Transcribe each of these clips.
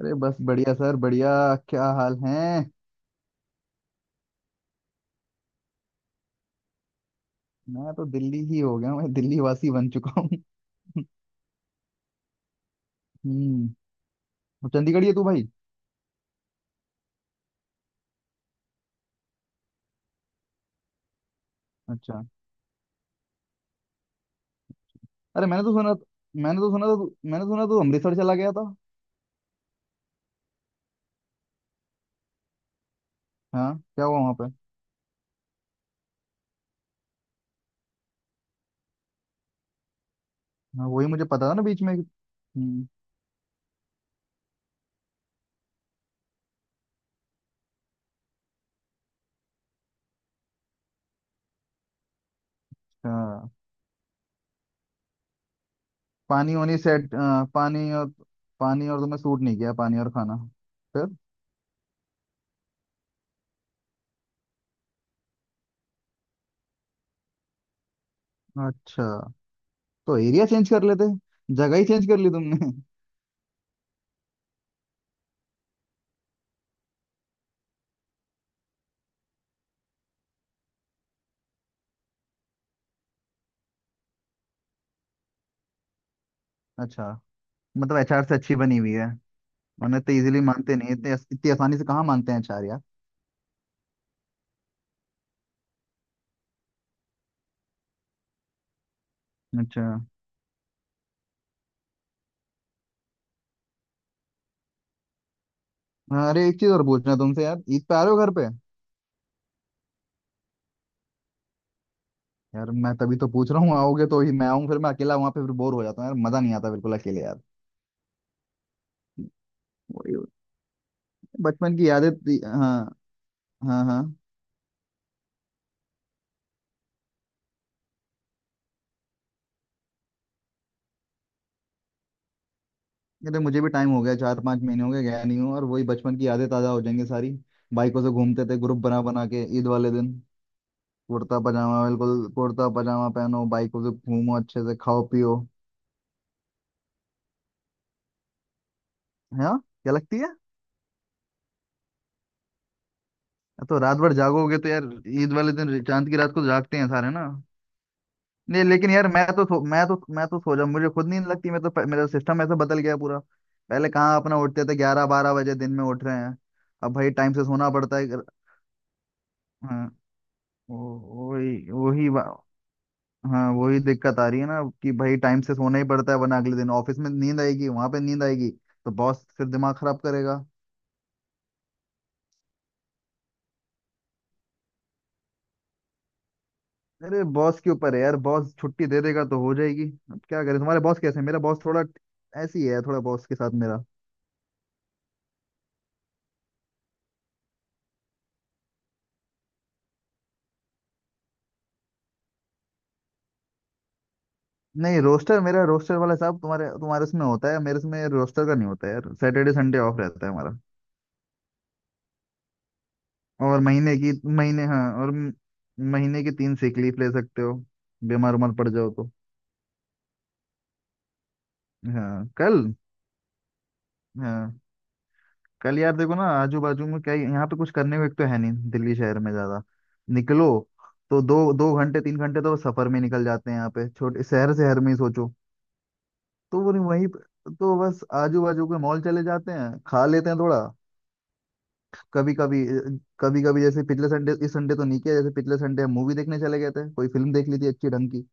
अरे बस बढ़िया सर बढ़िया। क्या हाल है। मैं तो दिल्ली ही हो गया हूँ। मैं दिल्ली वासी बन चुका हूँ। हम्म। तो चंडीगढ़ ही है तू भाई। अच्छा। अरे मैंने तो सुना। मैंने सुना तू अमृतसर चला गया था। हाँ क्या हुआ वहाँ पे। हाँ, वही मुझे पता था ना बीच में। हम्म। अच्छा। पानी वानी सेट। पानी और। पानी और तुम्हें सूट नहीं किया, पानी और खाना। फिर। अच्छा। तो एरिया चेंज कर लेते। जगह ही चेंज कर ली तुमने। अच्छा। मतलब एचआर से अच्छी बनी हुई है। वरना इतने इजीली मानते नहीं, इतने इतनी आसानी से कहाँ मानते हैं चार यार। अच्छा। अरे एक चीज और पूछना है तुमसे यार, ईद पे आ रहे हो घर पे। यार मैं तभी तो पूछ रहा हूँ, आओगे तो ही मैं आऊँ। फिर मैं अकेला वहां पे फिर बोर हो जाता हूँ यार, मजा नहीं आता बिल्कुल अकेले यार। वही वही। बचपन की यादें हाँ। हाँ हाँ। अरे मुझे भी टाइम हो गया, 4 5 महीने हो गए गया नहीं हूँ, और वही बचपन की यादें ताजा हो जाएंगी सारी। बाइकों से घूमते थे ग्रुप बना बना के ईद वाले दिन। कुर्ता पजामा, बिल्कुल कुर्ता पजामा पहनो, बाइकों से घूमो, अच्छे से खाओ पियो। है हाँ? क्या लगती है। तो रात भर जागोगे तो यार। ईद वाले दिन चांद की रात को तो जागते हैं सारे ना। नहीं लेकिन यार, मैं तो सो जाऊं, मुझे खुद नींद लगती। मेरा सिस्टम ऐसा बदल गया पूरा। पहले कहाँ, अपना उठते थे 11 12 बजे, दिन में उठ रहे हैं। अब भाई टाइम से सोना पड़ता है अगर-। हाँ। वो- वही वही बा- हाँ वही दिक्कत आ रही है ना कि भाई टाइम से सोना ही पड़ता है, वरना अगले दिन ऑफिस में नींद आएगी, वहां पे नींद आएगी, तो बॉस फिर दिमाग खराब करेगा। अरे बॉस के ऊपर है यार, बॉस छुट्टी दे देगा तो हो जाएगी। अब क्या करें, तुम्हारे बॉस कैसे हैं। मेरा बॉस थोड़ा ऐसी है, थोड़ा बॉस के साथ मेरा। नहीं रोस्टर, मेरा रोस्टर वाला साहब तुम्हारे तुम्हारे उसमें होता है, मेरे उसमें रोस्टर का नहीं होता है यार। सैटरडे संडे ऑफ रहता है हमारा। और महीने की महीने हाँ और महीने की 3 सिक लीव ले सकते हो, बीमार उमार पड़ जाओ तो। हाँ कल। हाँ कल यार देखो ना, आजू बाजू में क्या यहाँ पे कुछ करने को एक तो है नहीं दिल्ली शहर में, ज्यादा निकलो तो 2 2 घंटे 3 घंटे तो सफर में निकल जाते हैं, यहाँ पे छोटे शहर, शहर में ही सोचो। तो वो नहीं वहीं पे- तो बस आजू बाजू के मॉल चले जाते हैं, खा लेते हैं थोड़ा कभी कभी। कभी कभी जैसे पिछले संडे, इस संडे तो नहीं किया, जैसे पिछले संडे हम मूवी देखने चले गए थे, कोई फिल्म देख ली थी अच्छी ढंग की।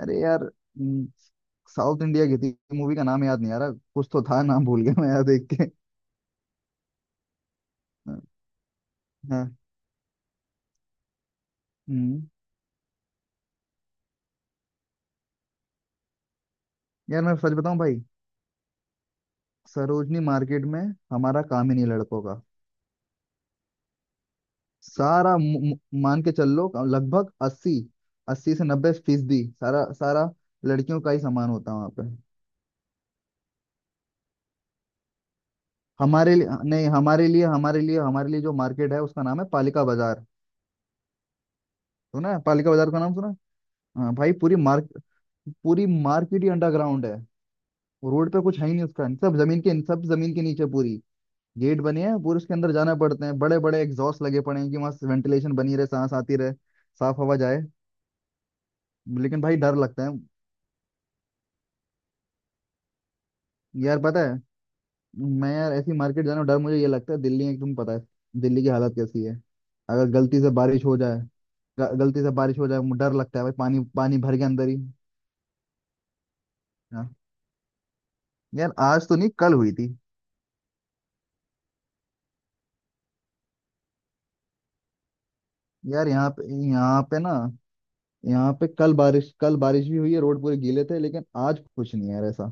अरे यार साउथ इंडिया की थी। मूवी का नाम याद नहीं आ रहा, कुछ तो था, नाम भूल गया मैं यार देख के। हाँ हाँ। हम्म यार मैं सच बताऊं भाई, सरोजनी मार्केट में हमारा काम ही नहीं लड़कों का। सारा मु- मु- मान के चल लो लगभग 80, 80 से 90% सारा सारा लड़कियों का ही सामान होता है वहाँ पे। हमारे लिए नहीं हमारे लिए हमारे लिए हमारे लिए जो मार्केट है उसका नाम है पालिका बाजार। सुना है पालिका बाजार का नाम सुना है? हाँ भाई पूरी मार्केट ही अंडरग्राउंड है, रोड पे कुछ है ही नहीं उसका। सब जमीन के नीचे पूरी गेट बने हैं, पूरे उसके अंदर जाना पड़ते हैं, बड़े बड़े एग्जॉस्ट लगे पड़े हैं कि वहां वेंटिलेशन बनी रहे, सांस आती रहे, साफ हवा जाए। लेकिन भाई डर लगता है। यार पता है, मैं यार ऐसी मार्केट जाना, डर मुझे ये लगता है दिल्ली में, तुम पता है दिल्ली की हालत कैसी है, अगर गलती से बारिश हो जाए, गलती से बारिश हो जाए मुझे डर लगता है भाई, पानी पानी भर के अंदर ही। हाँ। यार आज तो नहीं, कल हुई थी। यार यहाँ पे, यहाँ पे ना, यहाँ पे कल बारिश, कल बारिश भी हुई है, रोड पूरे गीले थे, लेकिन आज कुछ नहीं है यार ऐसा।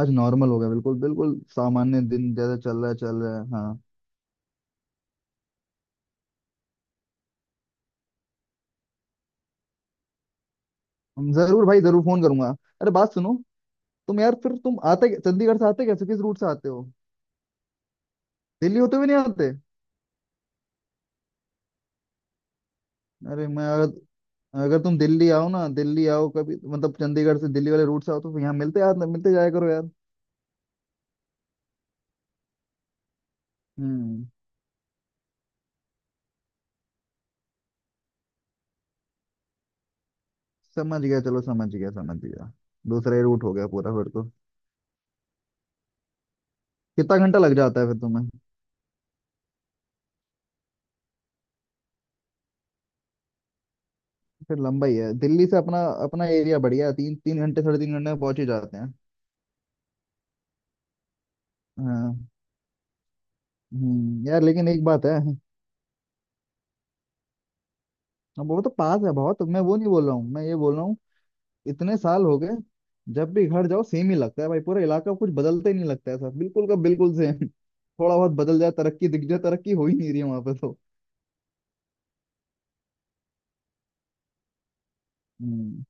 आज नॉर्मल हो गया बिल्कुल, बिल्कुल सामान्य दिन जैसा चल रहा है, चल रहा है। हाँ। जरूर भाई जरूर, फोन करूंगा। अरे बात सुनो, तुम यार फिर तुम आते चंडीगढ़ से आते कैसे, किस रूट से आते हो, दिल्ली होते हुए नहीं आते। अरे मैं अगर। अगर तुम दिल्ली आओ ना, दिल्ली आओ कभी, मतलब चंडीगढ़ से दिल्ली वाले रूट से आओ तो यहाँ मिलते यार, मिलते जाया करो यार। हम्म। समझ गया, चलो समझ गया, समझ गया। दूसरा ही रूट हो गया पूरा फिर तो। कितना घंटा लग जाता है फिर तुम्हें। फिर लंबा ही है, दिल्ली से अपना अपना एरिया बढ़िया है, 3 3 घंटे साढ़े 3 घंटे में पहुंच ही जाते हैं। हाँ। हम्म। यार लेकिन एक बात है। अब वो तो पास है बहुत, मैं वो नहीं बोल रहा हूँ, मैं ये बोल रहा हूँ। इतने साल हो गए, जब भी घर जाओ सेम ही लगता है भाई, पूरा इलाका कुछ बदलता ही नहीं लगता है सर, बिल्कुल का बिल्कुल सेम। थोड़ा बहुत बदल जाए, तरक्की दिख जाए, तरक्की हो ही नहीं रही है वहां पे तो। हम्म।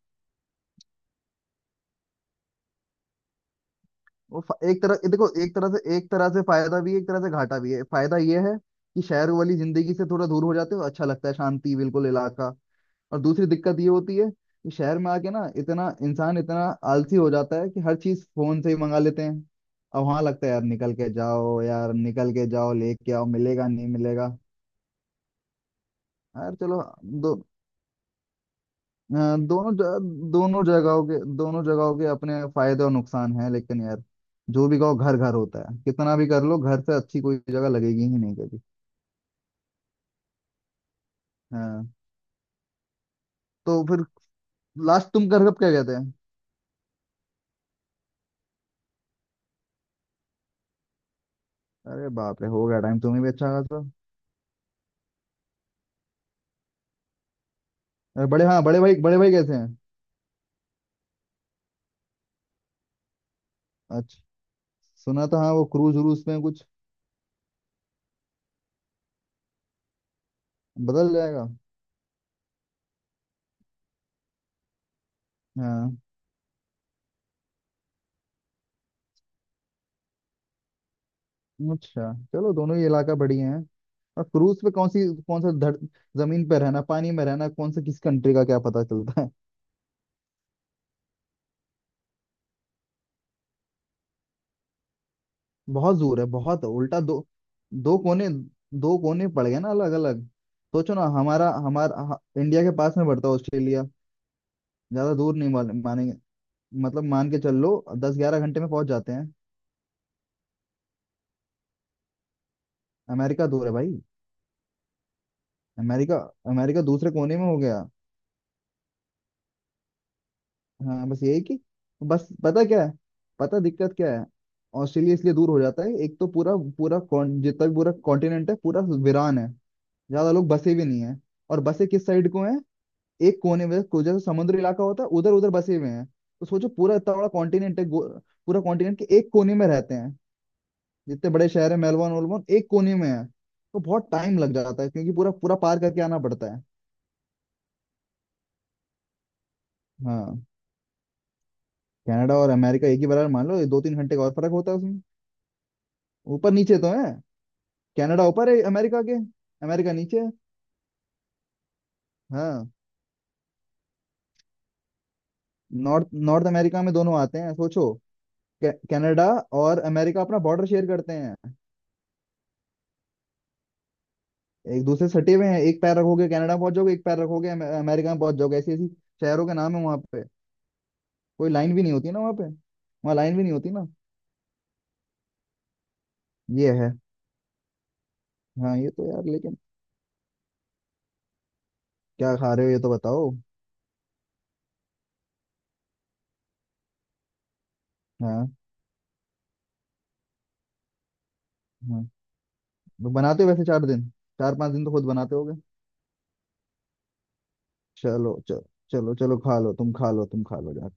एक तरह ये देखो, एक तरह से, एक तरह से फायदा भी है, एक तरह से घाटा भी है। फायदा ये है कि शहर वाली जिंदगी से थोड़ा दूर हो जाते हो, अच्छा लगता है, शांति बिल्कुल इलाका। और दूसरी दिक्कत ये होती है कि शहर में आके ना, इतना इंसान इतना आलसी हो जाता है कि हर चीज फोन से ही मंगा लेते हैं। अब वहां लगता है यार निकल के जाओ यार, निकल के जाओ लेके आओ, मिलेगा नहीं मिलेगा। यार चलो। दो। अ, दोनों जगहों के अपने फायदे और नुकसान हैं, लेकिन यार जो भी कहो घर घर होता है, कितना भी कर लो घर से अच्छी कोई जगह लगेगी ही नहीं कभी। हाँ। तो फिर लास्ट तुम कर कब क्या कहते हैं। अरे बाप रे, हो गया टाइम तुम्हें भी अच्छा खासा। अरे बड़े, हाँ बड़े भाई, बड़े भाई कैसे हैं। अच्छा। सुना था हाँ, वो क्रूज व्रूज में कुछ। बदल जाएगा। हाँ। अच्छा चलो, दोनों ही इलाका बढ़िया है। और क्रूज पे कौन सी कौन सा जमीन पे रहना पानी में रहना, कौन से किस कंट्री का क्या पता चलता है। बहुत दूर है, बहुत है, उल्टा दो। दो कोने, दो कोने पड़ गए ना अलग अलग। सोचो ना, हमारा हमारा ह- इंडिया के पास में पड़ता है ऑस्ट्रेलिया, ज्यादा दूर नहीं मानेंगे, मतलब मान के चल लो 10 11 घंटे में पहुंच जाते हैं। अमेरिका दूर है भाई। अमेरिका, अमेरिका दूसरे कोने में हो गया। हाँ बस यही कि, बस पता क्या है, पता दिक्कत क्या है, ऑस्ट्रेलिया इसलिए दूर हो जाता है। एक तो पूरा पूरा कॉन- जितना भी पूरा कॉन्टिनेंट है पूरा वीरान है, ज्यादा लोग बसे भी नहीं है। और बसे किस साइड को है, एक कोने में को- जैसे समुद्र इलाका होता है, उधर उधर बसे हुए हैं, तो सोचो पूरा इतना बड़ा कॉन्टिनेंट है पूरा कॉन्टिनेंट के एक कोने में रहते हैं। जितने बड़े शहर है मेलबोर्न वेलबोर्न एक कोने में है, तो बहुत टाइम लग जाता है, क्योंकि पूरा पूरा पार करके आना पड़ता है। हाँ। कनाडा और अमेरिका एक ही बराबर मान लो, ये 2 3 घंटे का और फर्क होता है उसमें, ऊपर नीचे तो है। कनाडा ऊपर है अमेरिका के, अमेरिका नीचे है। हाँ। नॉर्थ नॉर्थ अमेरिका में दोनों आते हैं। सोचो, कनाडा और अमेरिका अपना बॉर्डर शेयर करते हैं, एक दूसरे से सटे हुए हैं, एक पैर रखोगे कनाडा पहुंच जाओगे, एक पैर रखोगे अमेरिका में पहुंच जाओगे। ऐसी ऐसी शहरों के नाम है वहां पे। कोई लाइन भी नहीं होती ना वहां पे, वहां लाइन भी नहीं होती ना। ये है। हाँ ये तो यार, लेकिन क्या खा रहे हो ये तो बताओ। हाँ। हाँ। तो बनाते हो वैसे, 4 दिन, 4 5 दिन तो खुद बनाते होगे। चलो चलो। चलो चलो, खा लो तुम, खा लो तुम, खा लो यार।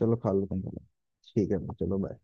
चलो खा लो, तुम खा लो। ठीक है भाई, चलो बाय।